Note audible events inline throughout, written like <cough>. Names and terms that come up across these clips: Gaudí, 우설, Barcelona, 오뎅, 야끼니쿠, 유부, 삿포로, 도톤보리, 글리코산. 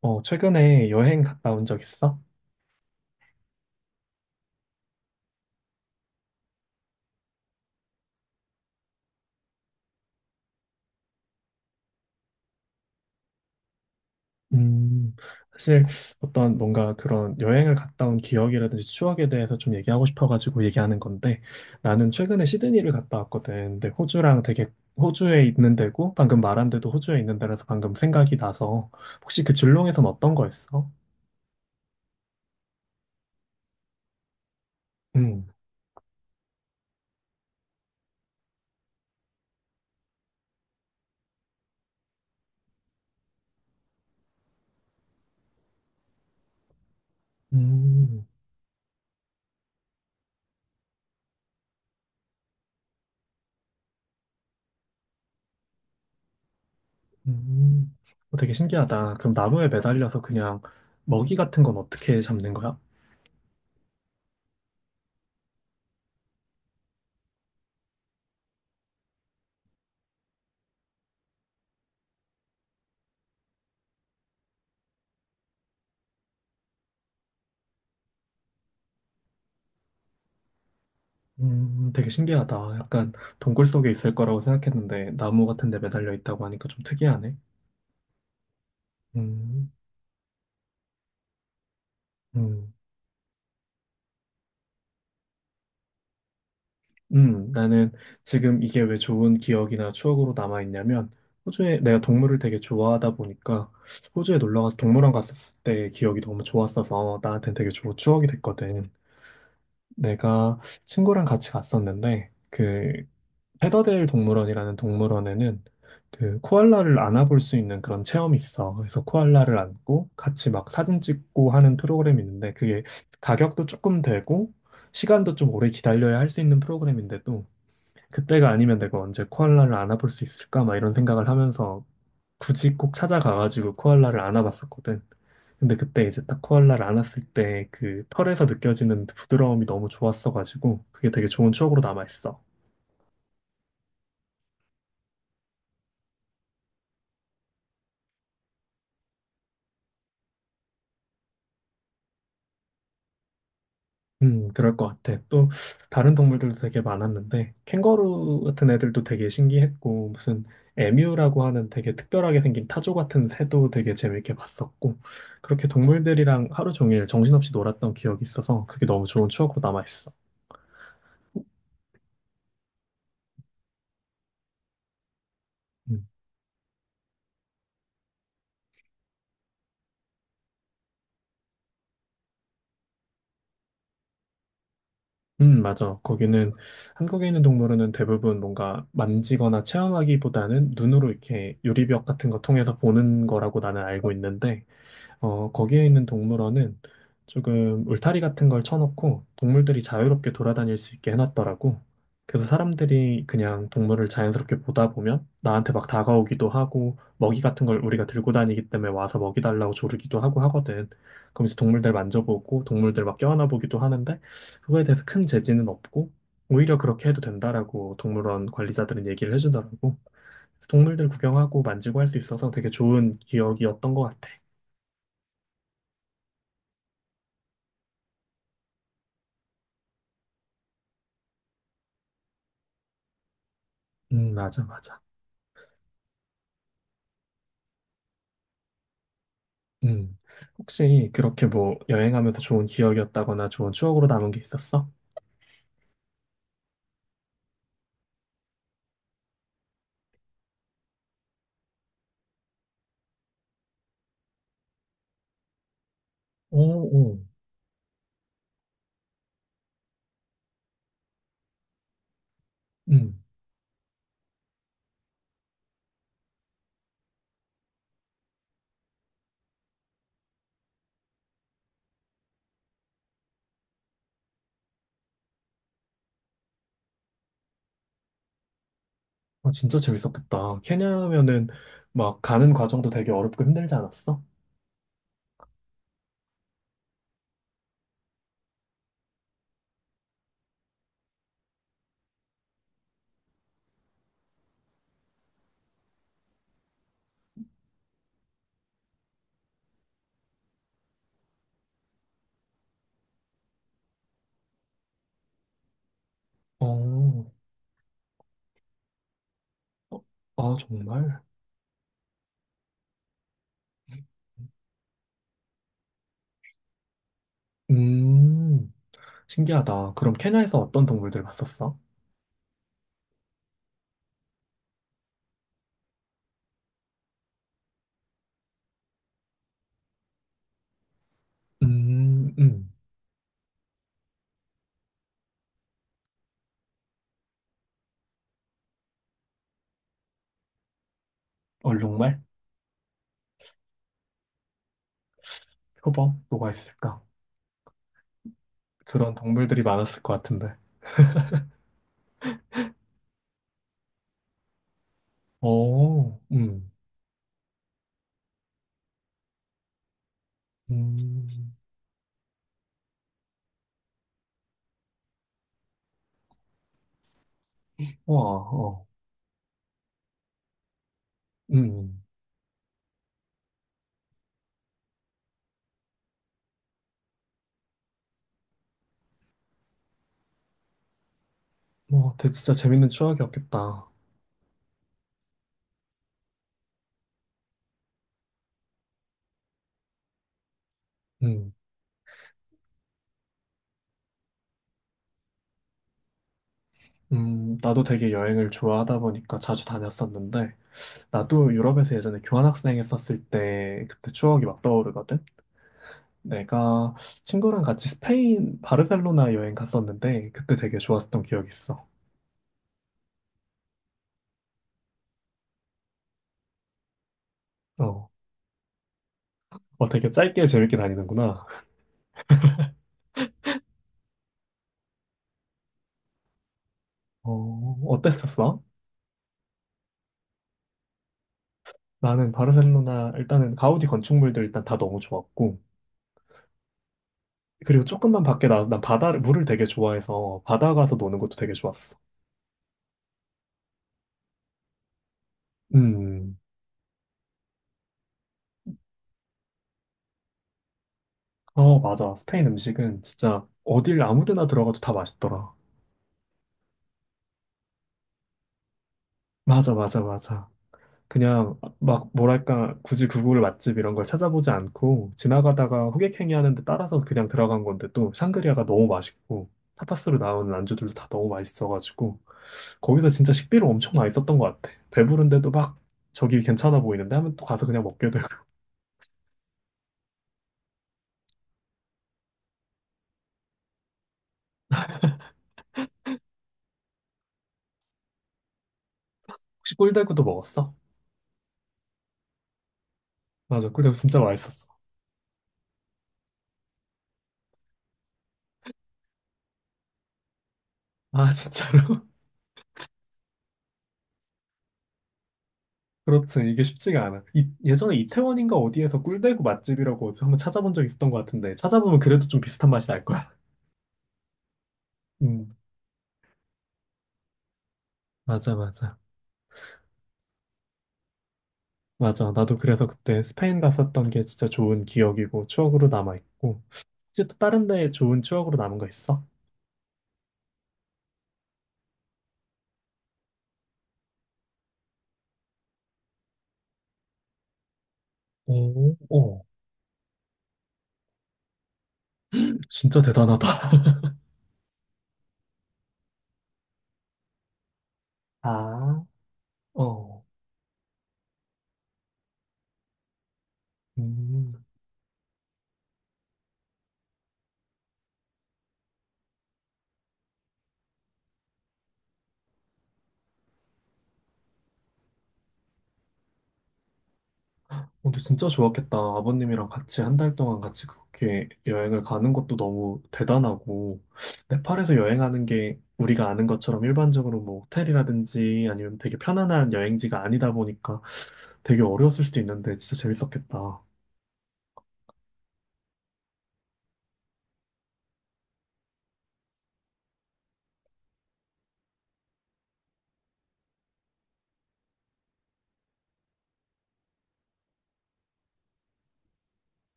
최근에 여행 갔다 온 적 있어? 음, 사실 어떤 뭔가 그런 여행을 갔다 온 기억이라든지 추억에 대해서 좀 얘기하고 싶어가지고 얘기하는 건데 나는 최근에 시드니를 갔다 왔거든. 근데 호주랑 되게 호주에 있는 데고 방금 말한 데도 호주에 있는 데라서 방금 생각이 나서 혹시 그 줄롱에선 어떤 거였어? 음, 음, 음. 어, 되게 신기하다. 그럼 나무에 매달려서 그냥 먹이 같은 건 어떻게 잡는 거야? 되게 신기하다. 약간 동굴 속에 있을 거라고 생각했는데 나무 같은 데 매달려 있다고 하니까 좀 특이하네. 음, 음, 나는 지금 이게 왜 좋은 기억이나 추억으로 남아 있냐면 호주에 내가 동물을 되게 좋아하다 보니까 호주에 놀러 가서 동물원 갔었을 때 기억이 너무 좋았어서 나한테 되게 좋은 추억이 됐거든. 내가 친구랑 같이 갔었는데 그 페더델 동물원이라는 동물원에는 그 코알라를 안아볼 수 있는 그런 체험이 있어. 그래서 코알라를 안고 같이 막 사진 찍고 하는 프로그램이 있는데 그게 가격도 조금 되고 시간도 좀 오래 기다려야 할 수 있는 프로그램인데도 그때가 아니면 내가 언제 코알라를 안아볼 수 있을까? 막 이런 생각을 하면서 굳이 꼭 찾아가가지고 코알라를 안아봤었거든. 근데 그때 이제 딱 코알라를 안았을 때 그 털에서 느껴지는 부드러움이 너무 좋았어가지고 그게 되게 좋은 추억으로 남아있어. 그럴 것 같아. 또 다른 동물들도 되게 많았는데 캥거루 같은 애들도 되게 신기했고 무슨 에뮤라고 하는 되게 특별하게 생긴 타조 같은 새도 되게 재밌게 봤었고 그렇게 동물들이랑 하루 종일 정신없이 놀았던 기억이 있어서 그게 너무 좋은 추억으로 남아있어. 음, 맞아. 거기는 한국에 있는 동물원은 대부분 뭔가 만지거나 체험하기보다는 눈으로 이렇게 유리벽 같은 거 통해서 보는 거라고 나는 알고 있는데 거기에 있는 동물원은 조금 울타리 같은 걸 쳐놓고 동물들이 자유롭게 돌아다닐 수 있게 해놨더라고. 그래서 사람들이 그냥 동물을 자연스럽게 보다 보면 나한테 막 다가오기도 하고 먹이 같은 걸 우리가 들고 다니기 때문에 와서 먹이 달라고 조르기도 하고 하거든. 그러면서 동물들 만져보고 동물들 막 껴안아 보기도 하는데 그거에 대해서 큰 제지는 없고 오히려 그렇게 해도 된다라고 동물원 관리자들은 얘기를 해주더라고. 그래서 동물들 구경하고 만지고 할 수 있어서 되게 좋은 기억이었던 것 같아. 맞아, 맞아. 음. 혹시 그렇게 뭐 여행하면서 좋은 기억이었다거나 좋은 추억으로 남은 게 있었어? 오, 오. 음. 아, 진짜 재밌었겠다. 케냐면은 막 가는 과정도 되게 어렵고 힘들지 않았어? 어, 어, 아, 정말? 음, 신기하다. 그럼 케냐에서 어떤 동물들 봤었어? 음, 음. 얼룩말? 표범? 뭐가 있을까? 그런 동물들이 많았을 것 같은데. 오, 음. 와, 어. 음, 뭐, 되게 진짜 재밌는 추억이었겠다. 음, 나도 되게 여행을 좋아하다 보니까 자주 다녔었는데, 나도 유럽에서 예전에 교환학생 했었을 때, 그때 추억이 막 떠오르거든? 내가 친구랑 같이 스페인 바르셀로나 여행 갔었는데, 그때 되게 좋았었던 기억이 있어. 어, 어, 되게 짧게 재밌게 다니는구나. 어, 어땠었어? 나는 바르셀로나, 일단은 가우디 건축물들 일단 다 너무 좋았고, 그리고 조금만 밖에 나난 바다를 물을 되게 좋아해서 바다 가서 노는 것도 되게 좋았어. 음, 어, 맞아. 스페인 음식은 진짜 어딜 아무 데나 들어가도 다 맛있더라. 맞아, 맞아, 맞아. 그냥 막 뭐랄까, 굳이 구글 맛집 이런 걸 찾아보지 않고 지나가다가 호객행위 하는데 따라서 그냥 들어간 건데 또 샹그리아가 너무 맛있고 타파스로 나오는 안주들도 다 너무 맛있어가지고 거기서 진짜 식비를 엄청 많이 썼던 것 같아. 배부른데도 막 저기 괜찮아 보이는데 하면 또 가서 그냥 먹게 되고. 혹시 꿀대구도 먹었어? 맞아, 꿀대구 진짜 맛있었어. 아, 진짜로? 그렇지. 이게 쉽지가 않아. 이, 예전에 이태원인가 어디에서 꿀대구 맛집이라고 어디서 한번 찾아본 적 있었던 것 같은데, 찾아보면 그래도 좀 비슷한 맛이 날 거야. <laughs> 음, 맞아, 맞아. 맞아. 나도 그래서 그때 스페인 갔었던 게 진짜 좋은 기억이고, 추억으로 남아있고. 혹시 또 다른 데 좋은 추억으로 남은 거 있어? 오, 오. 진짜 대단하다. <laughs> 아, 어. 음. 근데 진짜 좋았겠다. 아버님이랑 같이 한 달 동안 같이 그렇게 여행을 가는 것도 너무 대단하고, 네팔에서 여행하는 게 우리가 아는 것처럼 일반적으로 뭐 호텔이라든지 아니면 되게 편안한 여행지가 아니다 보니까 되게 어려웠을 수도 있는데 진짜 재밌었겠다.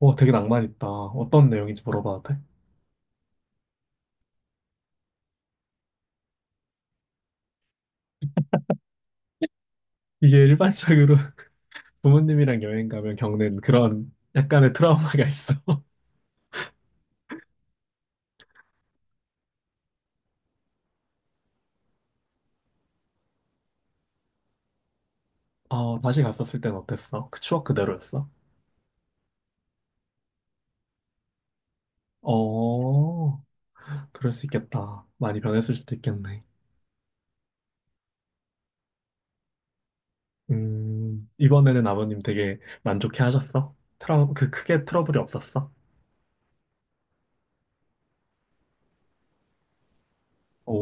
와, 되게 낭만 있다. 어떤 내용인지 물어봐도 돼? 이게 일반적으로 <laughs> 부모님이랑 여행 가면 겪는 그런 약간의 트라우마가 있어. <laughs> 어, 다시 갔었을 땐 어땠어? 그 추억 그대로였어? 어. 그럴 수 있겠다. 많이 변했을 수도 있겠네. 이번에는 아버님 되게 만족해 하셨어? 그 크게 트러블이 없었어? 오,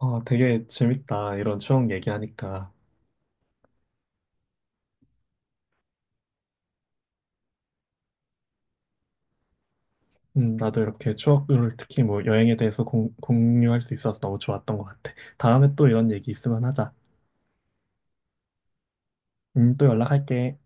아, 되게 재밌다. 이런 추억 얘기하니까. 나도 이렇게 추억을 특히 뭐 여행에 대해서 공유할 수 있어서 너무 좋았던 것 같아. 다음에 또 이런 얘기 있으면 하자. 또 연락할게.